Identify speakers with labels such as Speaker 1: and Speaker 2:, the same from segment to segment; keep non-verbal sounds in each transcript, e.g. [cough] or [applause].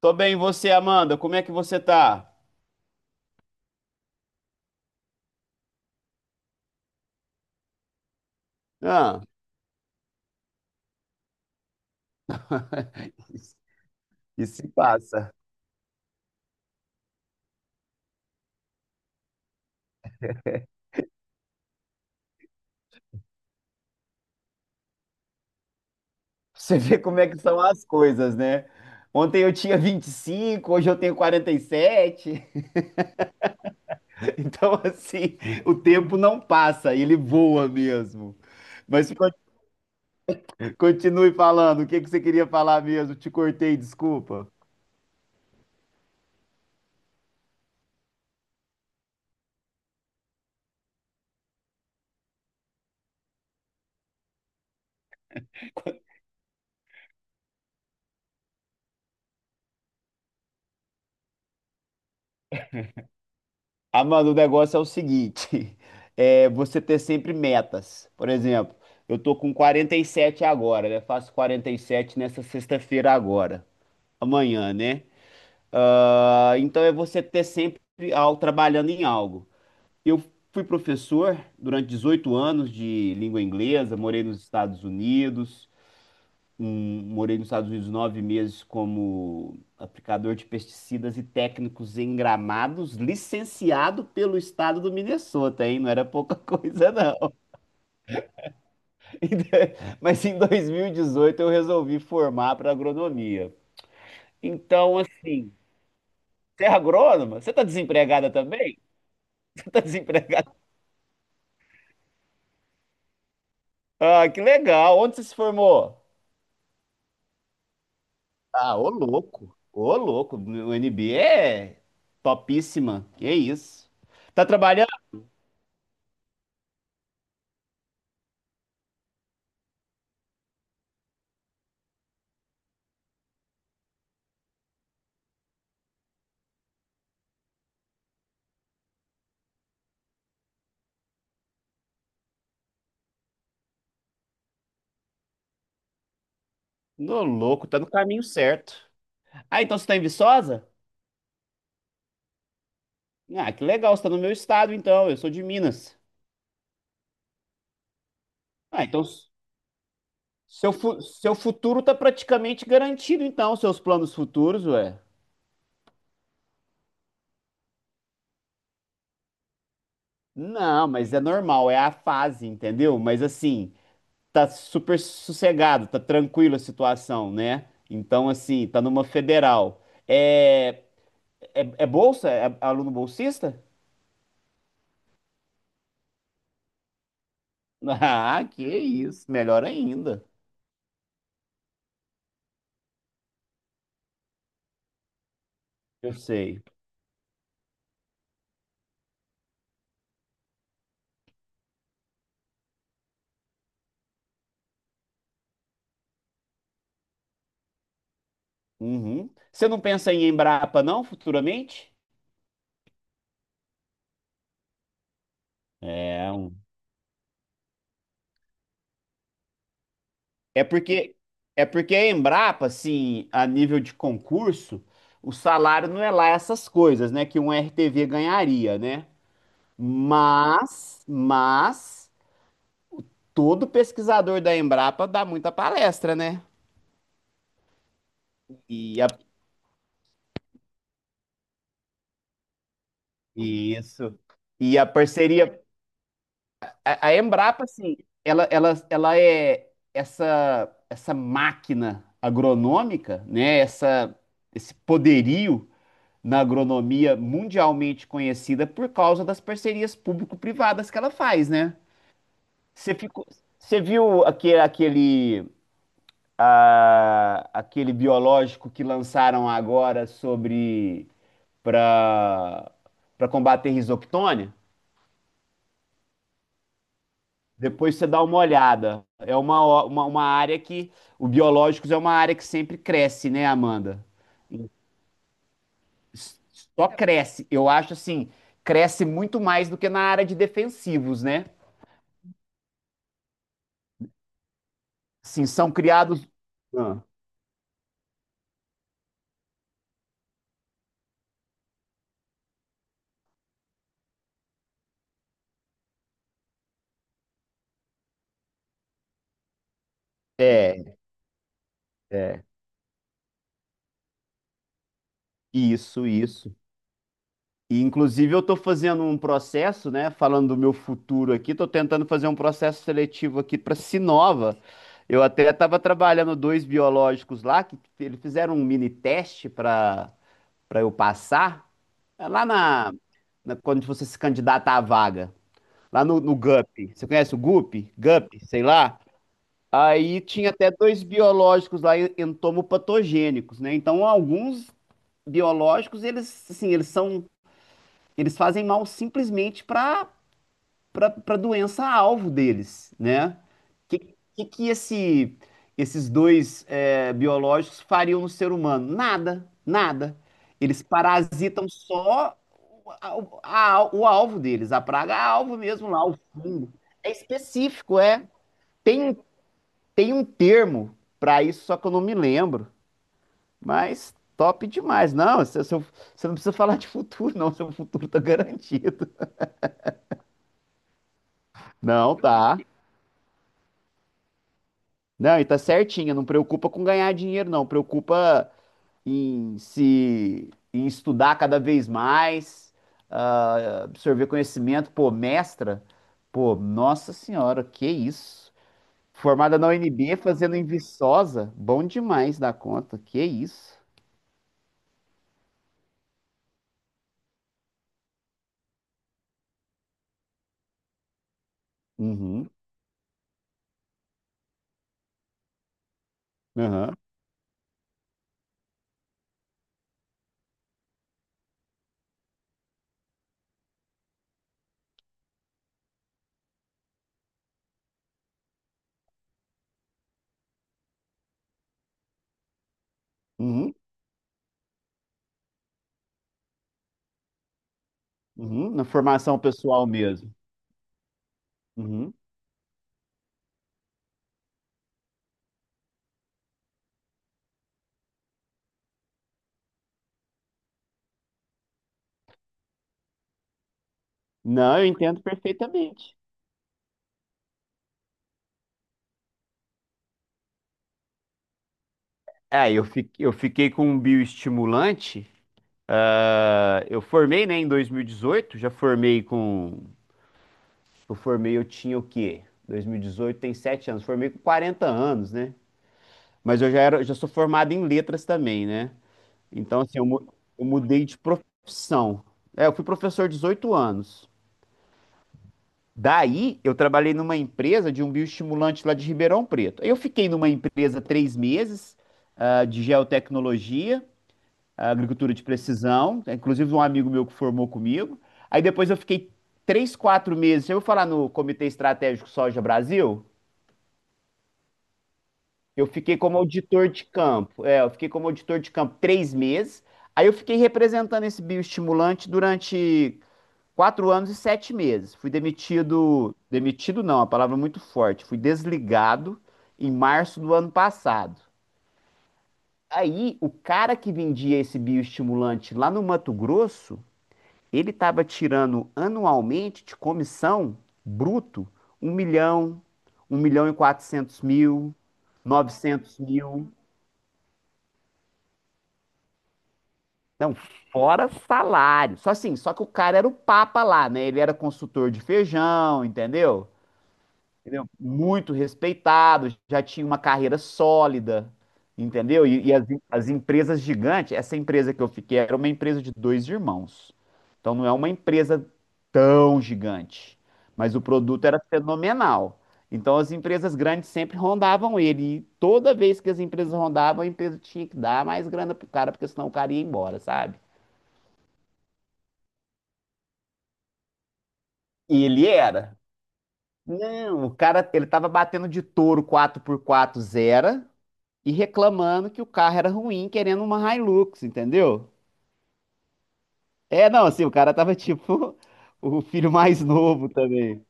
Speaker 1: Tô bem, e você, Amanda? Como é que você tá? Ah. [laughs] E se passa. [laughs] Você vê como é que são as coisas, né? Ontem eu tinha 25, hoje eu tenho 47. [laughs] Então, assim, o tempo não passa, ele voa mesmo. Mas continue falando, o que que você queria falar mesmo? Te cortei, desculpa. Ah, mano, o negócio é o seguinte: [laughs] é você ter sempre metas. Por exemplo, eu tô com 47 agora, né? Faço 47 nessa sexta-feira agora, amanhã, né? Ah, então é você ter sempre algo trabalhando em algo. Eu fui professor durante 18 anos de língua inglesa, morei nos Estados Unidos morei nos Estados Unidos nove meses como aplicador de pesticidas e técnicos em gramados, licenciado pelo estado do Minnesota, hein? Não era pouca [laughs] coisa, não. [laughs] Mas em 2018 eu resolvi formar para agronomia. Então, assim, você é agrônoma? Você está desempregada também? [laughs] Você está desempregada? Ah, que legal! Onde você se formou? Ah, ô louco! Ô louco! O NB é topíssima. Que isso? Tá trabalhando? Ô, louco, tá no caminho certo. Ah, então você tá em Viçosa? Ah, que legal, você tá no meu estado então, eu sou de Minas. Ah, então seu, seu futuro tá praticamente garantido então, seus planos futuros, ué. Não, mas é normal, é a fase, entendeu? Mas assim, tá super sossegado, tá tranquila a situação, né? Então assim, tá numa federal. É, é bolsa? É aluno bolsista? [laughs] Ah, que isso, melhor ainda. Eu sei. Uhum. Você não pensa em Embrapa, não, futuramente? É, um- é porque é porque a Embrapa, assim, a nível de concurso, o salário não é lá essas coisas, né, que um RTV ganharia, né? Mas todo pesquisador da Embrapa dá muita palestra, né? E a, isso. E a parceria A, a Embrapa, assim, ela é essa, essa máquina agronômica, né? Essa, esse poderio na agronomia mundialmente conhecida por causa das parcerias público-privadas que ela faz, né? Você ficou, você viu aquele, ah, aquele biológico que lançaram agora sobre para para combater risoctônia? Depois você dá uma olhada. É uma, uma área que. O biológicos é uma área que sempre cresce, né, Amanda? E s- Só cresce. Eu acho assim, cresce muito mais do que na área de defensivos, né? Assim, são criados. Ah, É, é. Isso, isso. E, inclusive, eu estou fazendo um processo, né? Falando do meu futuro aqui, estou tentando fazer um processo seletivo aqui para Sinova. Eu até estava trabalhando dois biológicos lá, que eles fizeram um mini teste para eu passar, é lá na, na- quando você se candidata à vaga, lá no, no GUP. Você conhece o GUP? GUP, sei lá. Aí tinha até dois biológicos lá entomopatogênicos, né? Então, alguns biológicos, eles assim, eles são eles fazem mal simplesmente para a doença-alvo deles, né? O que esses dois é, biológicos fariam no ser humano? Nada, nada. Eles parasitam só o, a- o alvo deles, a praga alvo mesmo lá, o fungo. É específico, é. Tem, tem um termo para isso, só que eu não me lembro. Mas top demais. Não, você, você não precisa falar de futuro, não. Seu futuro tá garantido. Não, tá. Não, e tá certinha, não preocupa com ganhar dinheiro, não. Preocupa em se em estudar cada vez mais, ah, absorver conhecimento. Pô, mestra, pô, nossa senhora, que isso. Formada na UNB, fazendo em Viçosa, bom demais da conta, que isso. Uhum, aham, uhum, uhum, na formação pessoal mesmo. Uhum. Não, eu entendo perfeitamente. É, eu fiquei com um bioestimulante. Ah, eu formei, né, em 2018, já formei com. Eu formei, eu tinha o quê? 2018 tem 7 anos, formei com 40 anos, né? Mas eu já era, já sou formado em letras também, né? Então, assim, eu mudei de profissão. É, eu fui professor 18 anos. Daí, eu trabalhei numa empresa de um bioestimulante lá de Ribeirão Preto. Aí eu fiquei numa empresa três meses, ah, de geotecnologia. A agricultura de precisão, inclusive um amigo meu que formou comigo. Aí depois eu fiquei três, quatro meses, eu vou falar no Comitê Estratégico Soja Brasil, eu fiquei como auditor de campo, é, eu fiquei como auditor de campo três meses, aí eu fiquei representando esse bioestimulante durante quatro anos e sete meses. Fui demitido, demitido não, a palavra é muito forte, fui desligado em março do ano passado. Aí, o cara que vendia esse bioestimulante lá no Mato Grosso, ele estava tirando anualmente de comissão bruto um milhão, um milhão e quatrocentos mil, 900 mil. Não, fora salário. Só assim, só que o cara era o papa lá, né? Ele era consultor de feijão, entendeu? Entendeu? Muito respeitado, já tinha uma carreira sólida, entendeu? As empresas gigantes, essa empresa que eu fiquei era uma empresa de dois irmãos. Então não é uma empresa tão gigante, mas o produto era fenomenal. Então as empresas grandes sempre rondavam ele. E toda vez que as empresas rondavam, a empresa tinha que dar mais grana pro cara, porque senão o cara ia embora, sabe? E ele era. Não, o cara, ele tava batendo de touro quatro por quatro zero e reclamando que o carro era ruim, querendo uma Hilux, entendeu? É, não, assim, o cara tava tipo [laughs] o filho mais novo também,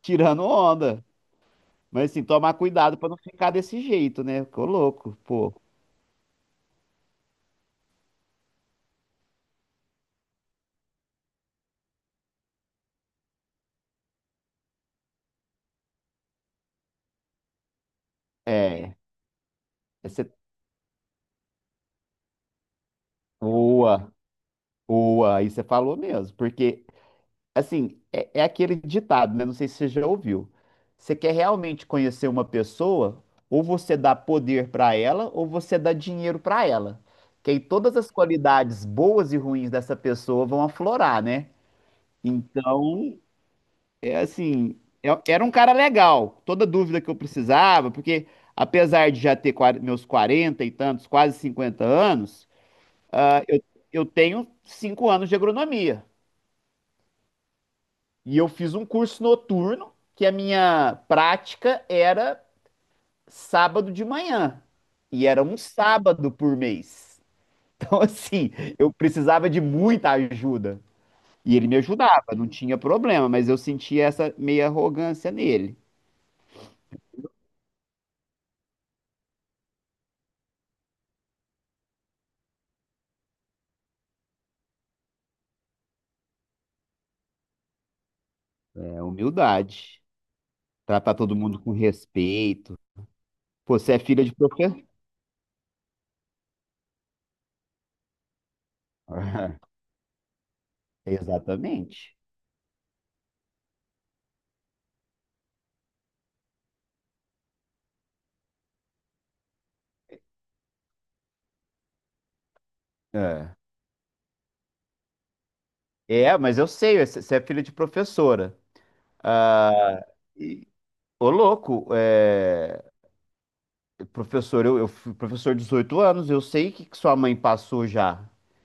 Speaker 1: tirando onda. Mas assim, tomar cuidado pra não ficar desse jeito, né? Ficou louco, pô. É, essa é boa, boa, aí você falou mesmo, porque assim, é, é aquele ditado, né? Não sei se você já ouviu. Você quer realmente conhecer uma pessoa, ou você dá poder para ela, ou você dá dinheiro para ela. Que aí todas as qualidades boas e ruins dessa pessoa vão aflorar, né? Então, é assim, é- era um cara legal. Toda dúvida que eu precisava, porque apesar de já ter meus 40 e tantos, quase 50 anos, ah, eu tenho 5 anos de agronomia. E eu fiz um curso noturno, que a minha prática era sábado de manhã. E era um sábado por mês. [laughs] Então, assim, eu precisava de muita ajuda. E ele me ajudava, não tinha problema, mas eu sentia essa meia arrogância nele. É, humildade. Tratar todo mundo com respeito. Pô, você é filha de professor. [laughs] Exatamente. É. É, mas eu sei, você você é filha de professora. Ah, e ô, louco, é, professor, eu fui professor de 18 anos, eu sei que sua mãe passou já.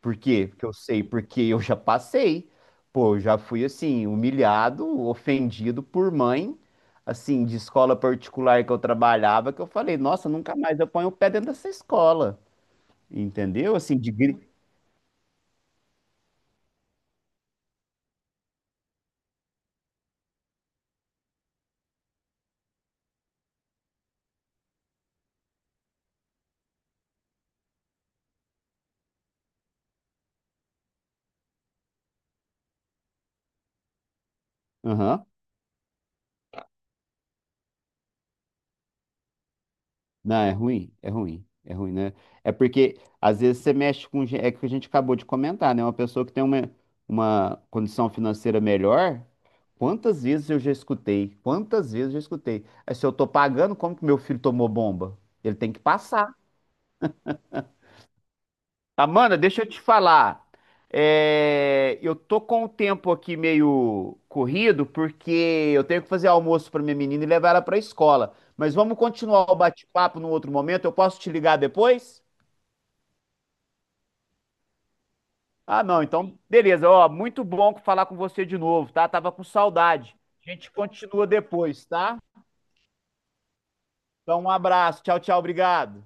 Speaker 1: Por quê? Porque eu sei, porque eu já passei. Pô, eu já fui assim, humilhado, ofendido por mãe, assim, de escola particular que eu trabalhava, que eu falei, nossa, nunca mais eu ponho o pé dentro dessa escola. Entendeu? Assim, de gri... Não, é ruim, é ruim, é ruim, né? É porque às vezes você mexe com. Gen- é o que a gente acabou de comentar, né? Uma pessoa que tem uma condição financeira melhor, quantas vezes eu já escutei? Quantas vezes eu já escutei? "Ah, se eu tô pagando, como que meu filho tomou bomba? Ele tem que passar." Amanda, deixa eu te falar. É, eu tô com o tempo aqui meio corrido, porque eu tenho que fazer almoço para minha menina e levar ela para a escola. Mas vamos continuar o bate-papo num outro momento. Eu posso te ligar depois? Ah, não, então, beleza. Ó, muito bom falar com você de novo, tá? Tava com saudade. A gente continua depois, tá? Então, um abraço. Tchau, tchau. Obrigado.